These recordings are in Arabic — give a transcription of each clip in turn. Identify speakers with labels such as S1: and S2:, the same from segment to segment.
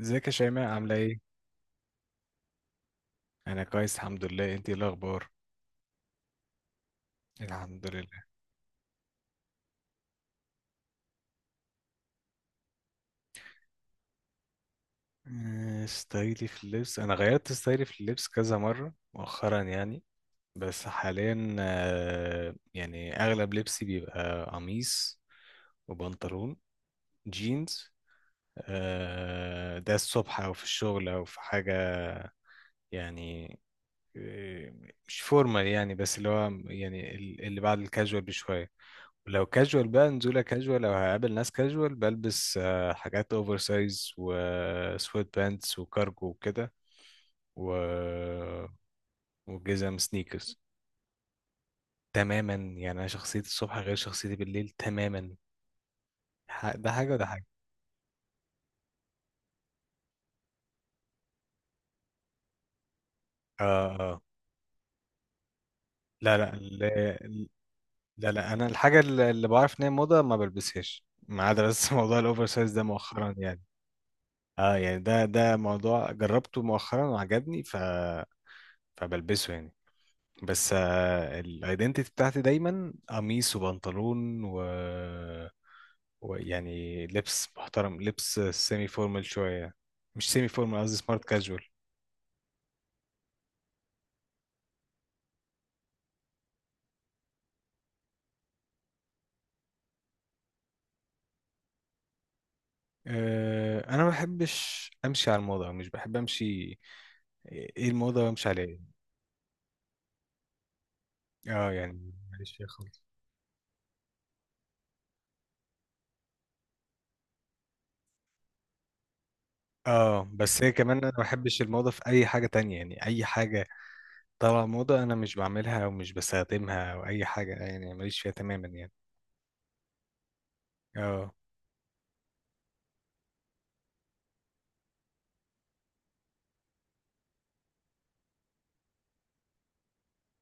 S1: ازيك يا شيماء عاملة ايه؟ أنا كويس، الحمد لله. انتي ايه الأخبار؟ الحمد لله. ستايلي في اللبس، أنا غيرت ستايلي في اللبس كذا مرة مؤخرا يعني. بس حاليا يعني أغلب لبسي بيبقى قميص وبنطلون جينز. ده الصبح أو في الشغل أو في حاجة يعني. آه، مش فورمال يعني، بس اللي هو يعني اللي بعد الكاجوال بشوية. لو كاجوال بقى، نزولة كاجوال، لو هقابل ناس كاجوال بلبس حاجات اوفر سايز وسويت بانتس وكارجو وكده و... وجزم سنيكرز. تماما، يعني انا شخصيتي الصبح غير شخصيتي بالليل تماما. ده حاجة وده حاجة. اه اه. لا لا لا. لا, لا. انا الحاجة اللي بعرف ان هي موضة ما بلبسهاش، ما عدا بس موضوع الاوفر سايز ده مؤخرا يعني. اه يعني ده موضوع جربته مؤخرا وعجبني، فبلبسه يعني. بس الايدنتيتي بتاعتي دايما قميص وبنطلون ويعني لبس محترم، لبس سيمي فورمال شوية. مش سيمي فورمال، قصدي سمارت كاجوال. أه انا ما بحبش امشي على الموضه، مش بحب امشي. ايه الموضه وامشي على ايه. اه يعني ماليش فيها خالص. اه بس هي كمان انا ما بحبش الموضه في اي حاجه تانية، يعني اي حاجه طالعه موضه انا مش بعملها ومش بستخدمها او اي حاجه، يعني ماليش فيها تماما يعني. اه،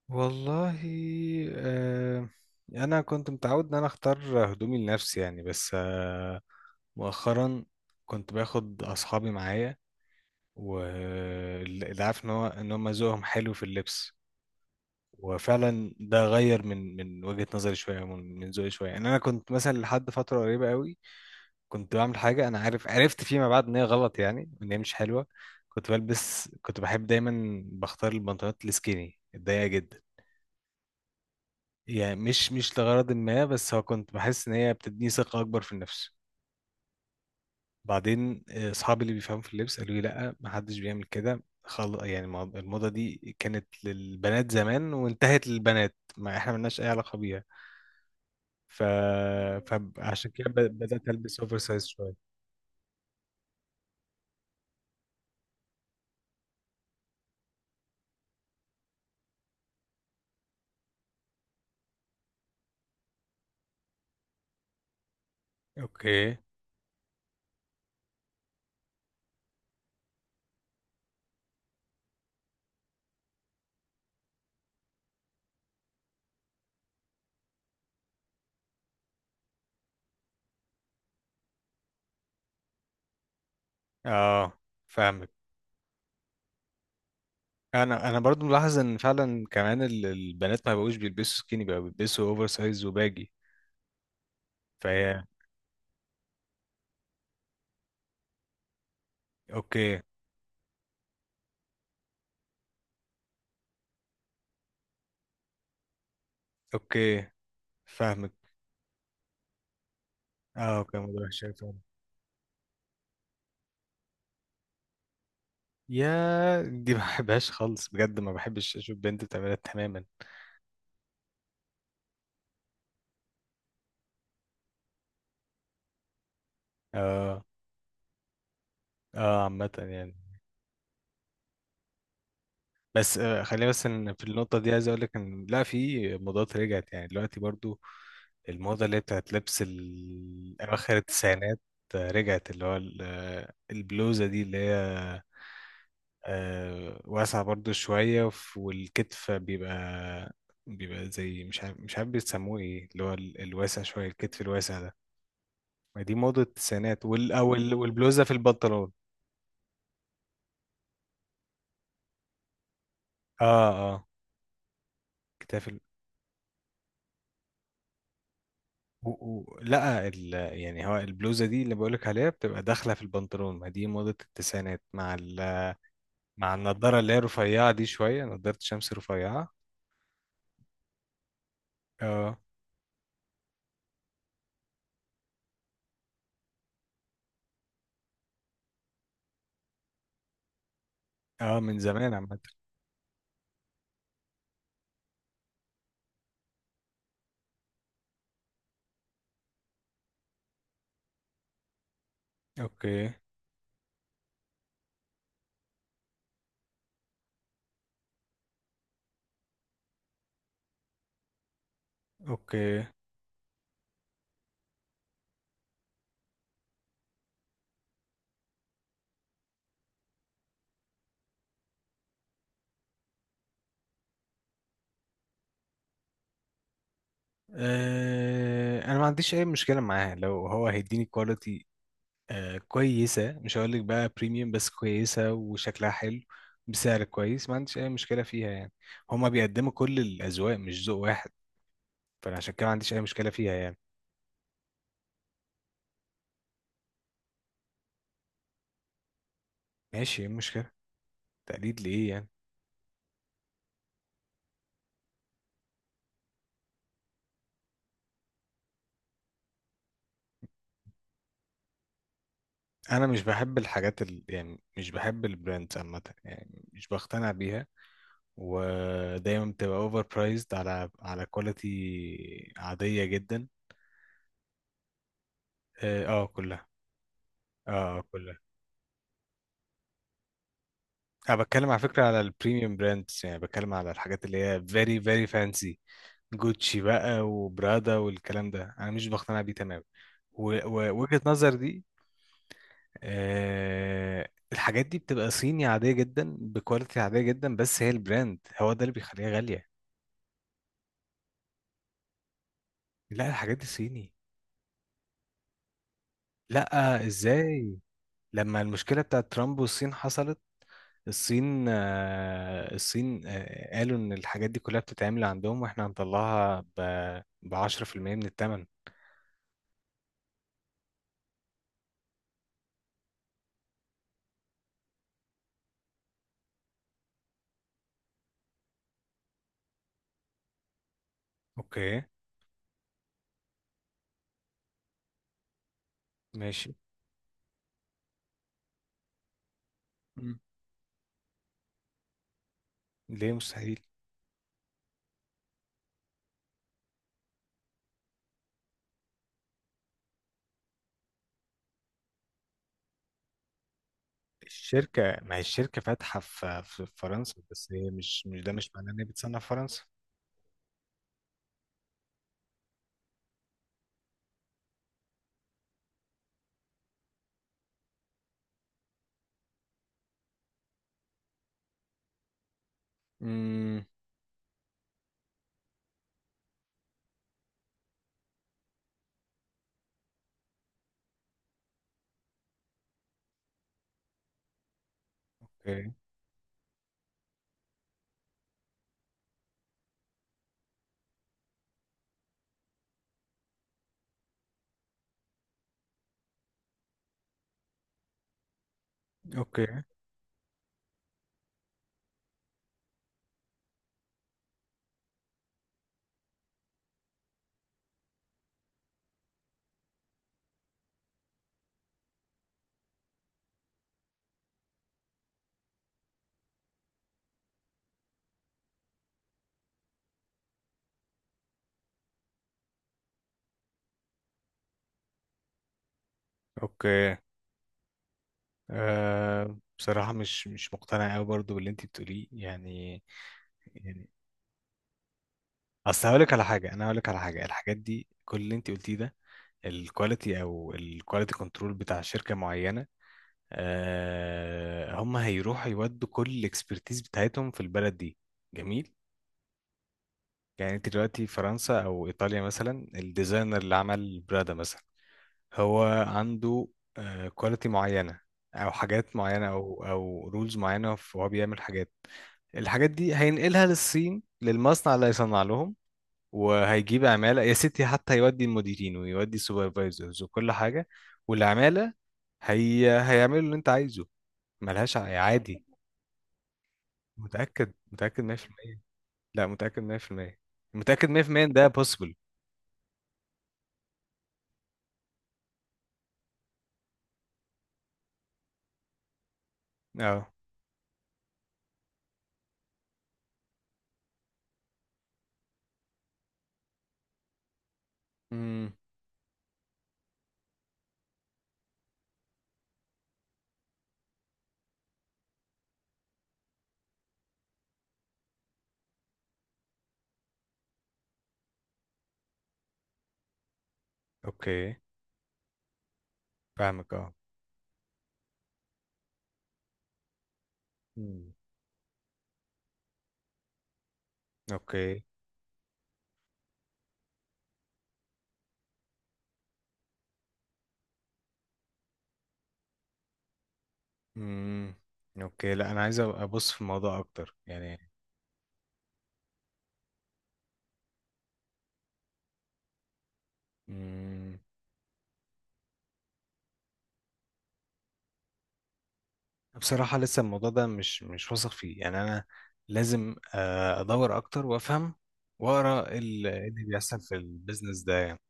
S1: والله. آه انا كنت متعود ان انا اختار هدومي لنفسي يعني. بس مؤخرا كنت باخد اصحابي معايا واللي عارف ان هو ان هم ذوقهم حلو في اللبس. وفعلا ده غير من وجهة نظري شويه، من ذوقي شويه يعني. انا كنت مثلا لحد فتره قريبه قوي كنت بعمل حاجه انا عارف، عرفت فيما بعد ان هي غلط يعني، ان هي مش حلوه. كنت بلبس، كنت بحب دايما بختار البنطلونات السكيني الضيقه جدا. يعني مش لغرض ما، بس هو كنت بحس ان هي بتديني ثقة اكبر في النفس. بعدين اصحابي اللي بيفهموا في اللبس قالوا لي لا، ما حدش بيعمل كده. يعني الموضة دي كانت للبنات زمان وانتهت للبنات، ما احنا ملناش اي علاقة بيها. ف... فعشان كده بدأت البس اوفر سايز شوية. اوكي. اه، فاهمك. انا برضو ملاحظ ان فعلا كمان البنات ما بقوش بيلبسوا سكيني، بقى بيلبسوا اوفر سايز وباجي. فهي. اوكي. اوكي، فاهمك. اه كان موضوع وحش أوي فعلا. يا دي ما بحبهاش خالص بجد، ما بحبش اشوف بنت بتعملها تماما. اه اه عامة يعني. بس خلينا بس إن في النقطة دي عايز اقول لك ان لا، في موضات رجعت يعني دلوقتي برضو. الموضة اللي هي بتاعت لبس اواخر التسعينات رجعت، اللي هو البلوزة دي اللي هي واسعة برضو شوية، والكتف بيبقى زي مش عارف بيسموه ايه اللي هو الواسع شوية، الكتف الواسع ده. ما دي موضة التسعينات والبلوزة في البنطلون. اه اه كتاف و... و... لا ال... يعني هو البلوزة دي اللي بقولك عليها بتبقى داخلة في البنطلون، ما دي موضة التسعينات مع مع النضارة اللي هي رفيعة دي شوية، نضارة شمس رفيعة. اه اه من زمان عامة. اوكي اوكي. انا ما عنديش اي مشكلة معاه لو هو هيديني كواليتي كويسة، مش هقول لك بقى بريميوم، بس كويسة وشكلها حلو بسعر كويس. ما عنديش أي مشكلة فيها يعني. هما بيقدموا كل الأذواق مش ذوق واحد، فأنا عشان كده ما عنديش أي مشكلة فيها يعني. ماشي، إيه المشكلة؟ تقليد لإيه يعني. أنا مش بحب الحاجات يعني مش بحب البراندز عامة يعني، مش بقتنع بيها. ودايما بتبقى اوفر برايزد على كواليتي عادية جدا. اه كلها. اه كلها. انا بتكلم على فكره على البريميوم براندز، يعني بتكلم على الحاجات اللي هي فيري فيري فانسي. جوتشي بقى وبرادا والكلام ده انا مش بقتنع بيه تماما. ووجهه نظر دي. الحاجات دي بتبقى صيني عاديه جدا بكواليتي عاديه جدا، بس هي البراند هو ده اللي بيخليها غاليه. لا الحاجات دي صيني. لا ازاي. لما المشكله بتاعت ترامب والصين حصلت، الصين الصين قالوا إن الحاجات دي كلها بتتعمل عندهم وإحنا هنطلعها ب10% من التمن. أوكي. ماشي. مم. ليه مستحيل؟ الشركة، ما هي الشركة فاتحة في فرنسا، بس هي مش ده مش معناه إن هي بتصنع في فرنسا. امم. اوكي اوكي اوكي. أه بصراحة مش مقتنع قوي برضو باللي انت بتقوليه يعني. يعني اصل هقول لك على حاجة، انا هقول لك على حاجة. الحاجات دي كل اللي انت قلتيه ده الكواليتي او الكواليتي كنترول بتاع شركه معينه، هم هيروحوا يودوا كل الاكسبرتيز بتاعتهم في البلد دي. جميل. يعني انت دلوقتي فرنسا او ايطاليا مثلا، الديزاينر اللي عمل برادا مثلا هو عنده كواليتي معينه او حاجات معينه او رولز معينه، وهو بيعمل حاجات. الحاجات دي هينقلها للصين للمصنع اللي هيصنع لهم. وهيجيب عمالة يا ستي، حتى يودي المديرين ويودي السوبرفايزرز وكل حاجة. والعمالة هي هيعملوا اللي انت عايزه. ملهاش عادي. متأكد متأكد 100%. لا متأكد 100% متأكد 100% إن ده possible. اه. امم. اوكي فاهمك. اه. مم. اوكي. امم. اوكي لا، انا عايز أبقى ابص في الموضوع اكتر يعني. مم. بصراحة لسه الموضوع ده مش واثق فيه يعني أنا. لازم أدور أكتر وأفهم وأقرأ إيه اللي بيحصل في البيزنس ده يعني.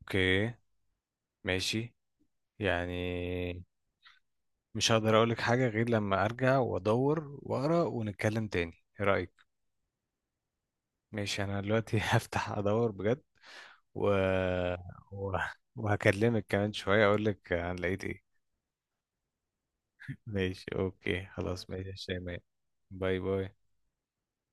S1: أوكي ماشي يعني. مش هقدر أقولك حاجة غير لما أرجع وأدور وأقرأ ونتكلم تاني. إيه رأيك؟ ماشي أنا دلوقتي هفتح أدور بجد و... و... وهكلمك كمان شوية أقولك أنا لقيت إيه. ماشي أوكي خلاص، ماشي يا شيماء. باي باي.